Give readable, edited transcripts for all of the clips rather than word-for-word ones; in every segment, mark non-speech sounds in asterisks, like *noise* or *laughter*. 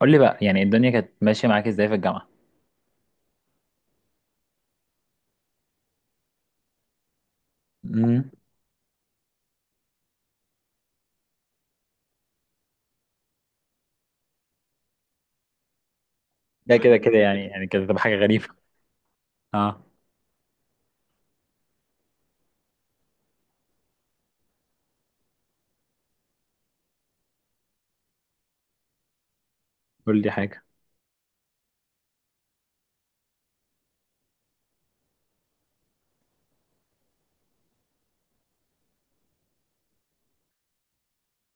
قول لي بقى يعني الدنيا كانت ماشية معاك ازاي في الجامعة؟ امم. ده كده كده يعني كده تبقى حاجة غريبة. اه، قول لي حاجة.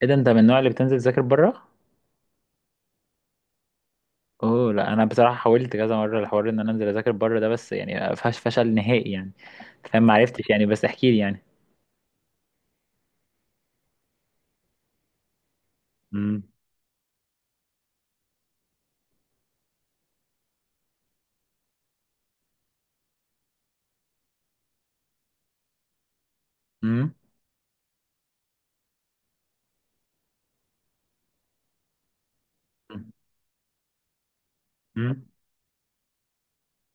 ايه ده، انت من النوع اللي بتنزل تذاكر بره؟ اوه لا، انا بصراحة حاولت كذا مرة الحوار ان انا انزل اذاكر بره ده، بس يعني فشل نهائي يعني. فاهم، ما عرفتش يعني، بس احكي لي يعني. امم، امم، امم.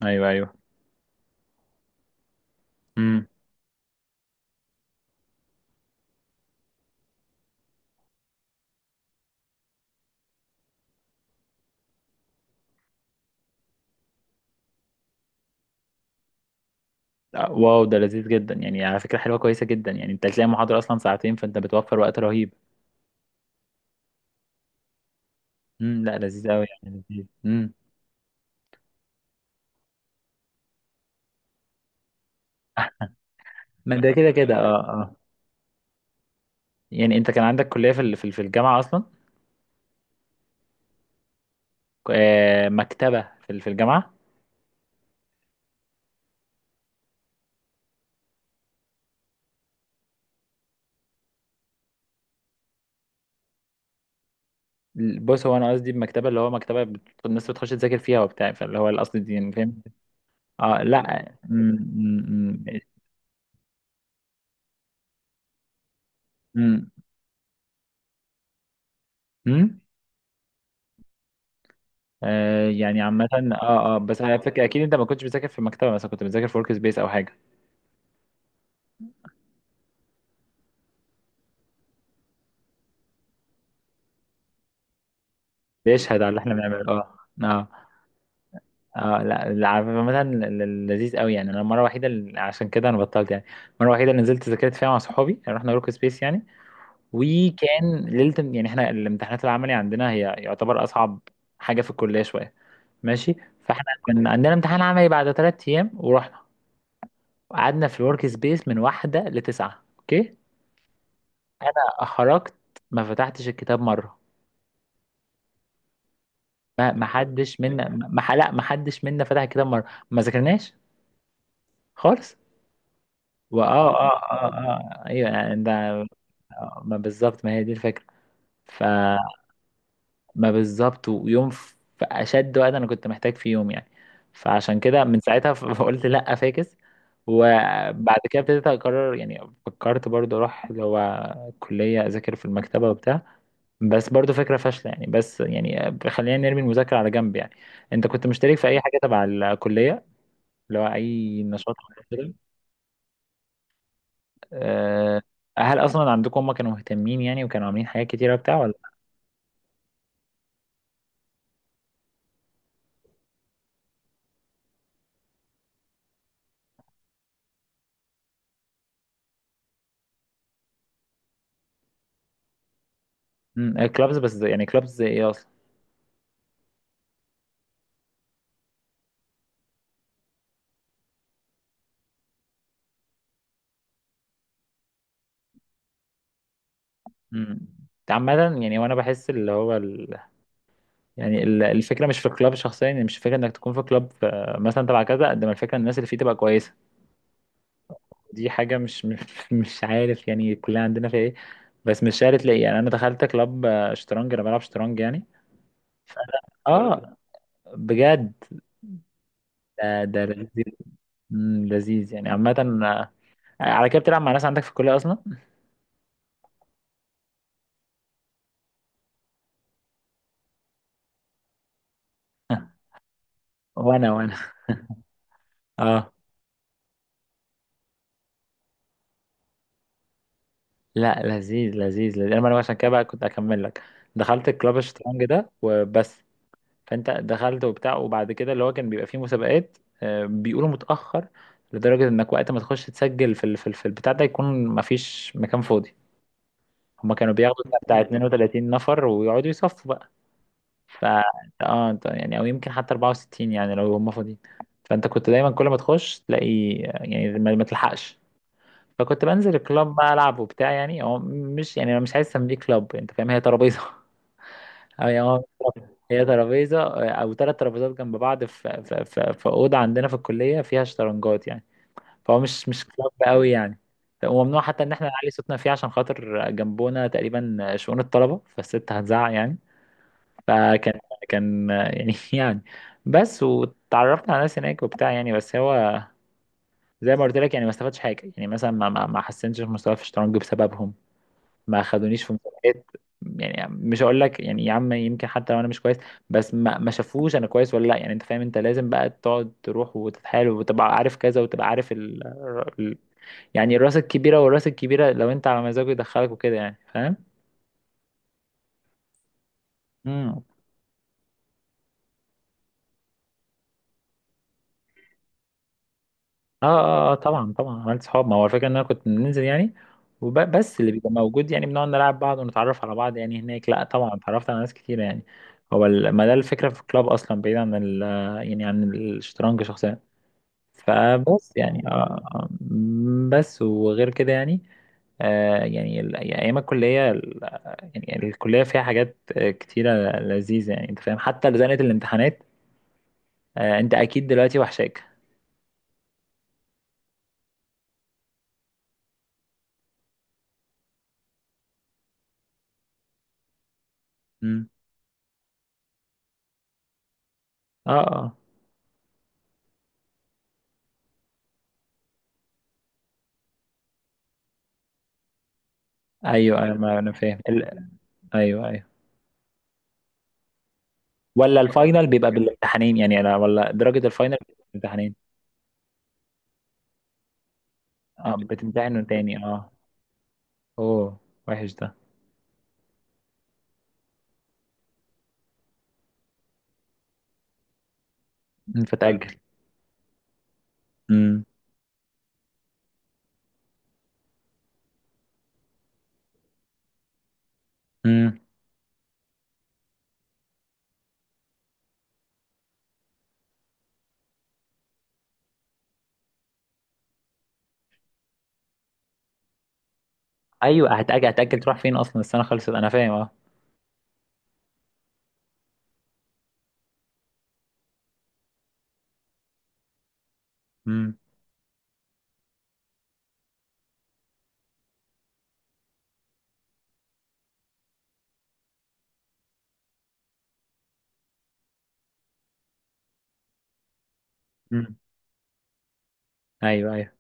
ايوه، ايوه. امم. واو، ده لذيذ جدا يعني، على فكرة حلوة كويسة جدا يعني، انت هتلاقي محاضرة اصلا ساعتين، فانت بتوفر وقت رهيب. امم، لا لذيذ قوي يعني، لذيذ. امم. ما ده كده كده. اه، اه. يعني انت كان عندك كلية في الجامعة اصلا؟ مكتبة في الجامعة؟ بص، هو انا قصدي بمكتبة، اللي هو مكتبة الناس بتخش تذاكر فيها وبتاع، فاللي هو القصد دي يعني فاهم. اه لا، م- م- م- يعني عامة اه. اه بس انا فاكر اكيد انت ما كنتش بتذاكر في مكتبة، مثلا كنت بتذاكر في ورك سبيس او حاجة. بيشهد على اللي احنا بنعمله، اه. اه، اه، لا لا، عامة لذيذ قوي يعني. انا المرة الوحيدة عشان كده انا بطلت يعني، المرة الوحيدة اللي نزلت ذاكرت فيها مع صحابي رحنا ورك سبيس يعني. وكان ليله يعني، احنا الامتحانات العملي عندنا هي يعتبر اصعب حاجه في الكليه شويه. ماشي. فاحنا كان عندنا امتحان عملي بعد 3 ايام، ورحنا قعدنا في الورك سبيس من واحده لتسعه، اوكي. انا خرجت ما فتحتش الكتاب مره. ما حدش منا فتح الكتاب مره. ما ذاكرناش خالص. واه، اه، اه، اه، آه، آه، ايوه يعني ده. ما بالظبط، ما هي دي الفكره. ف، ما بالظبط، ويوم في اشد وقت انا كنت محتاج فيه يوم يعني. فعشان كده من ساعتها *laughs* فقلت لا فاكس. وبعد كده ابتديت اقرر يعني. فكرت برضو اروح اللي هو كلية اذاكر في المكتبة وبتاع، بس برضو فكرة فاشلة يعني. بس يعني خلينا نرمي المذاكرة على جنب يعني. انت كنت مشترك في اي حاجة تبع الكلية؟ اللي هو اي نشاط أو كده؟ أه. هل اصلا عندكم هم كانوا مهتمين يعني وكانوا عاملين حاجات كتيرة وبتاع؟ ولا كلابز بس؟ يعني كلابز ايه؟ امم. عامة يعني، وانا بحس اللي هو يعني الفكرة مش في الكلاب شخصيا يعني، مش فكرة انك تكون في كلاب، مثلا تبع كذا، قد ما الفكرة ان الناس اللي فيه تبقى كويسة. دي حاجة مش *laughs* مش مش عارف يعني، كلنا عندنا فيها ايه. بس مش شارط ليه يعني، انا دخلت كلاب شطرنج، انا بلعب شطرنج يعني. اه، بجد، ده ده لذيذ. مم، لذيذ يعني عامة. على كده بتلعب مع ناس عندك في الكلية اصلا؟ *laughs* وانا، وانا. اه لا، لذيذ لذيذ لذيذ. انا عشان كده بقى كنت اكمل لك، دخلت الكلاب الشطرنج ده وبس. فانت دخلت وبتاع، وبعد كده اللي هو كان بيبقى فيه مسابقات، بيقولوا متاخر، لدرجه انك وقت ما تخش تسجل في البتاع ده يكون مفيش مكان فاضي. هما كانوا بياخدوا بتاع بتاع 32 نفر ويقعدوا يصفوا بقى. ف اه، أنت يعني او يمكن حتى 64 يعني لو هما فاضيين. فانت كنت دايما كل ما تخش تلاقي يعني ما تلحقش. فكنت بنزل الكلاب بقى العب وبتاع يعني، هو مش يعني انا مش عايز اسميه كلاب، انت فاهم، هي ترابيزه *laughs* أو يعني هو، هي ترابيزه. او ثلاث ترابيزات جنب بعض، في اوضه عندنا في الكليه فيها شطرنجات يعني. فهو مش مش كلاب قوي يعني. وممنوع حتى ان احنا نعلي صوتنا فيه عشان خاطر جنبونا تقريبا شؤون الطلبه، فالست هتزعق يعني. فكان، كان يعني *laughs* يعني. بس واتعرفت على ناس هناك وبتاع يعني. بس هو زي ما قلت لك يعني، ما استفادش حاجه يعني، مثلا ما حسنتش في مستواي في الشطرنج بسببهم. ما خدونيش في مسابقات. يعني مش هقول لك يعني يا عم، يمكن حتى لو انا مش كويس، بس ما شافوش انا كويس ولا لا يعني، انت فاهم. انت لازم بقى تقعد تروح وتتحايل وتبقى عارف كذا وتبقى عارف ال... يعني الراس الكبيره، والراس الكبيره لو انت على مزاجه يدخلك وكده يعني فاهم. امم. اه، اه، طبعا طبعا عملت صحاب. ما هو الفكره ان انا كنت بننزل يعني بس اللي بيبقى موجود يعني بنقعد نلعب بعض ونتعرف على بعض يعني. هناك لا طبعا اتعرفت على ناس كتير يعني. هو ما ده الفكره في الكلاب اصلا، بعيد عن يعني عن الشطرنج شخصيا. فبس يعني، آه، آه. بس وغير كده يعني. آه يعني يعني ايام الكليه يعني الكليه فيها حاجات كتيره لذيذه يعني انت فاهم، حتى زنقه الامتحانات. آه، انت اكيد دلوقتي وحشاك. مم. اه، اه، ايوه، ايوه، ما انا فاهم ايوه، ايوه. ولا الفاينل بيبقى بالامتحانين يعني، انا ولا درجه الفاينل بتبقى بالامتحانين؟ اه، بتمتحنوا تاني، اه. اوه، وحش ده. مم، فتأجل. امم. امم. ايوه، هتأجل، هتأجل تروح فين اصلا، السنه خلصت، انا فاهم، اه. مم. مم. ايوه، ايوه.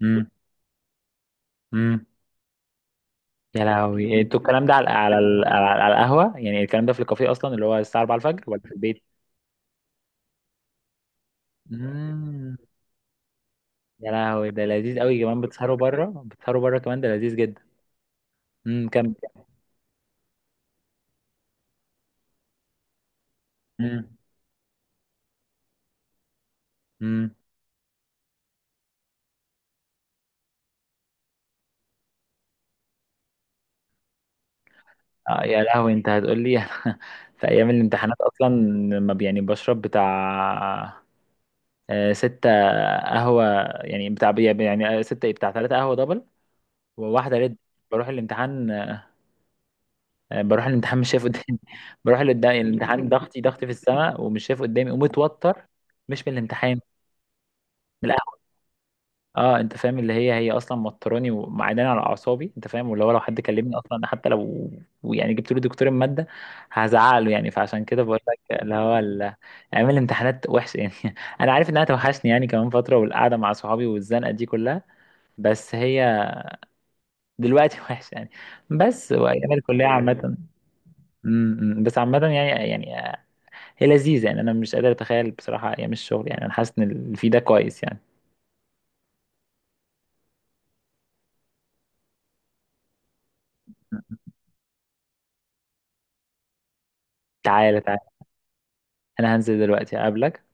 مم. مم. يا لهوي إيه، انتوا الكلام ده على على ال- على على القهوه يعني، الكلام ده في الكافيه اصلا اللي هو الساعه 4 الفجر ولا في البيت؟ مم. يا لهوي، ده لذيذ قوي كمان، بتسهروا بره، بتسهروا بره كمان، ده لذيذ جدا. امم، كم. امم. امم. آه يا لهوي انت هتقول لي *laughs* في ايام الامتحانات اصلا لما يعني بشرب بتاع 6 قهوة يعني، بتاع يعني ستة إيه، بتاع 3 قهوة دبل وواحدة ريد. بروح الامتحان بروح الامتحان مش شايف قدامي *laughs* بروح لقدام الامتحان ضغطي ضغطي في السماء ومش شايف قدامي ومتوتر، مش من الامتحان، من القهوة. اه، انت فاهم، اللي هي هي اصلا موتراني ومعداني على اعصابي انت فاهم، واللي هو لو حد كلمني اصلا حتى لو يعني جبت له دكتور المادة هزعله يعني. فعشان كده بقول لك اللي هو ايام الامتحانات وحشة يعني. *laughs* انا عارف انها توحشني يعني كمان فترة، والقعدة مع صحابي والزنقة دي كلها، بس هي دلوقتي *laughs* وحشة يعني، بس وايام الكلية عامة. م- م. بس عامة يعني يعني هي لذيذة يعني، أنا مش قادر أتخيل بصراحة أيام الشغل يعني، أنا حاسس إن اللي فيه ده كويس يعني. تعالى، تعالى. أنا هنزل دلوقتي أقابلك.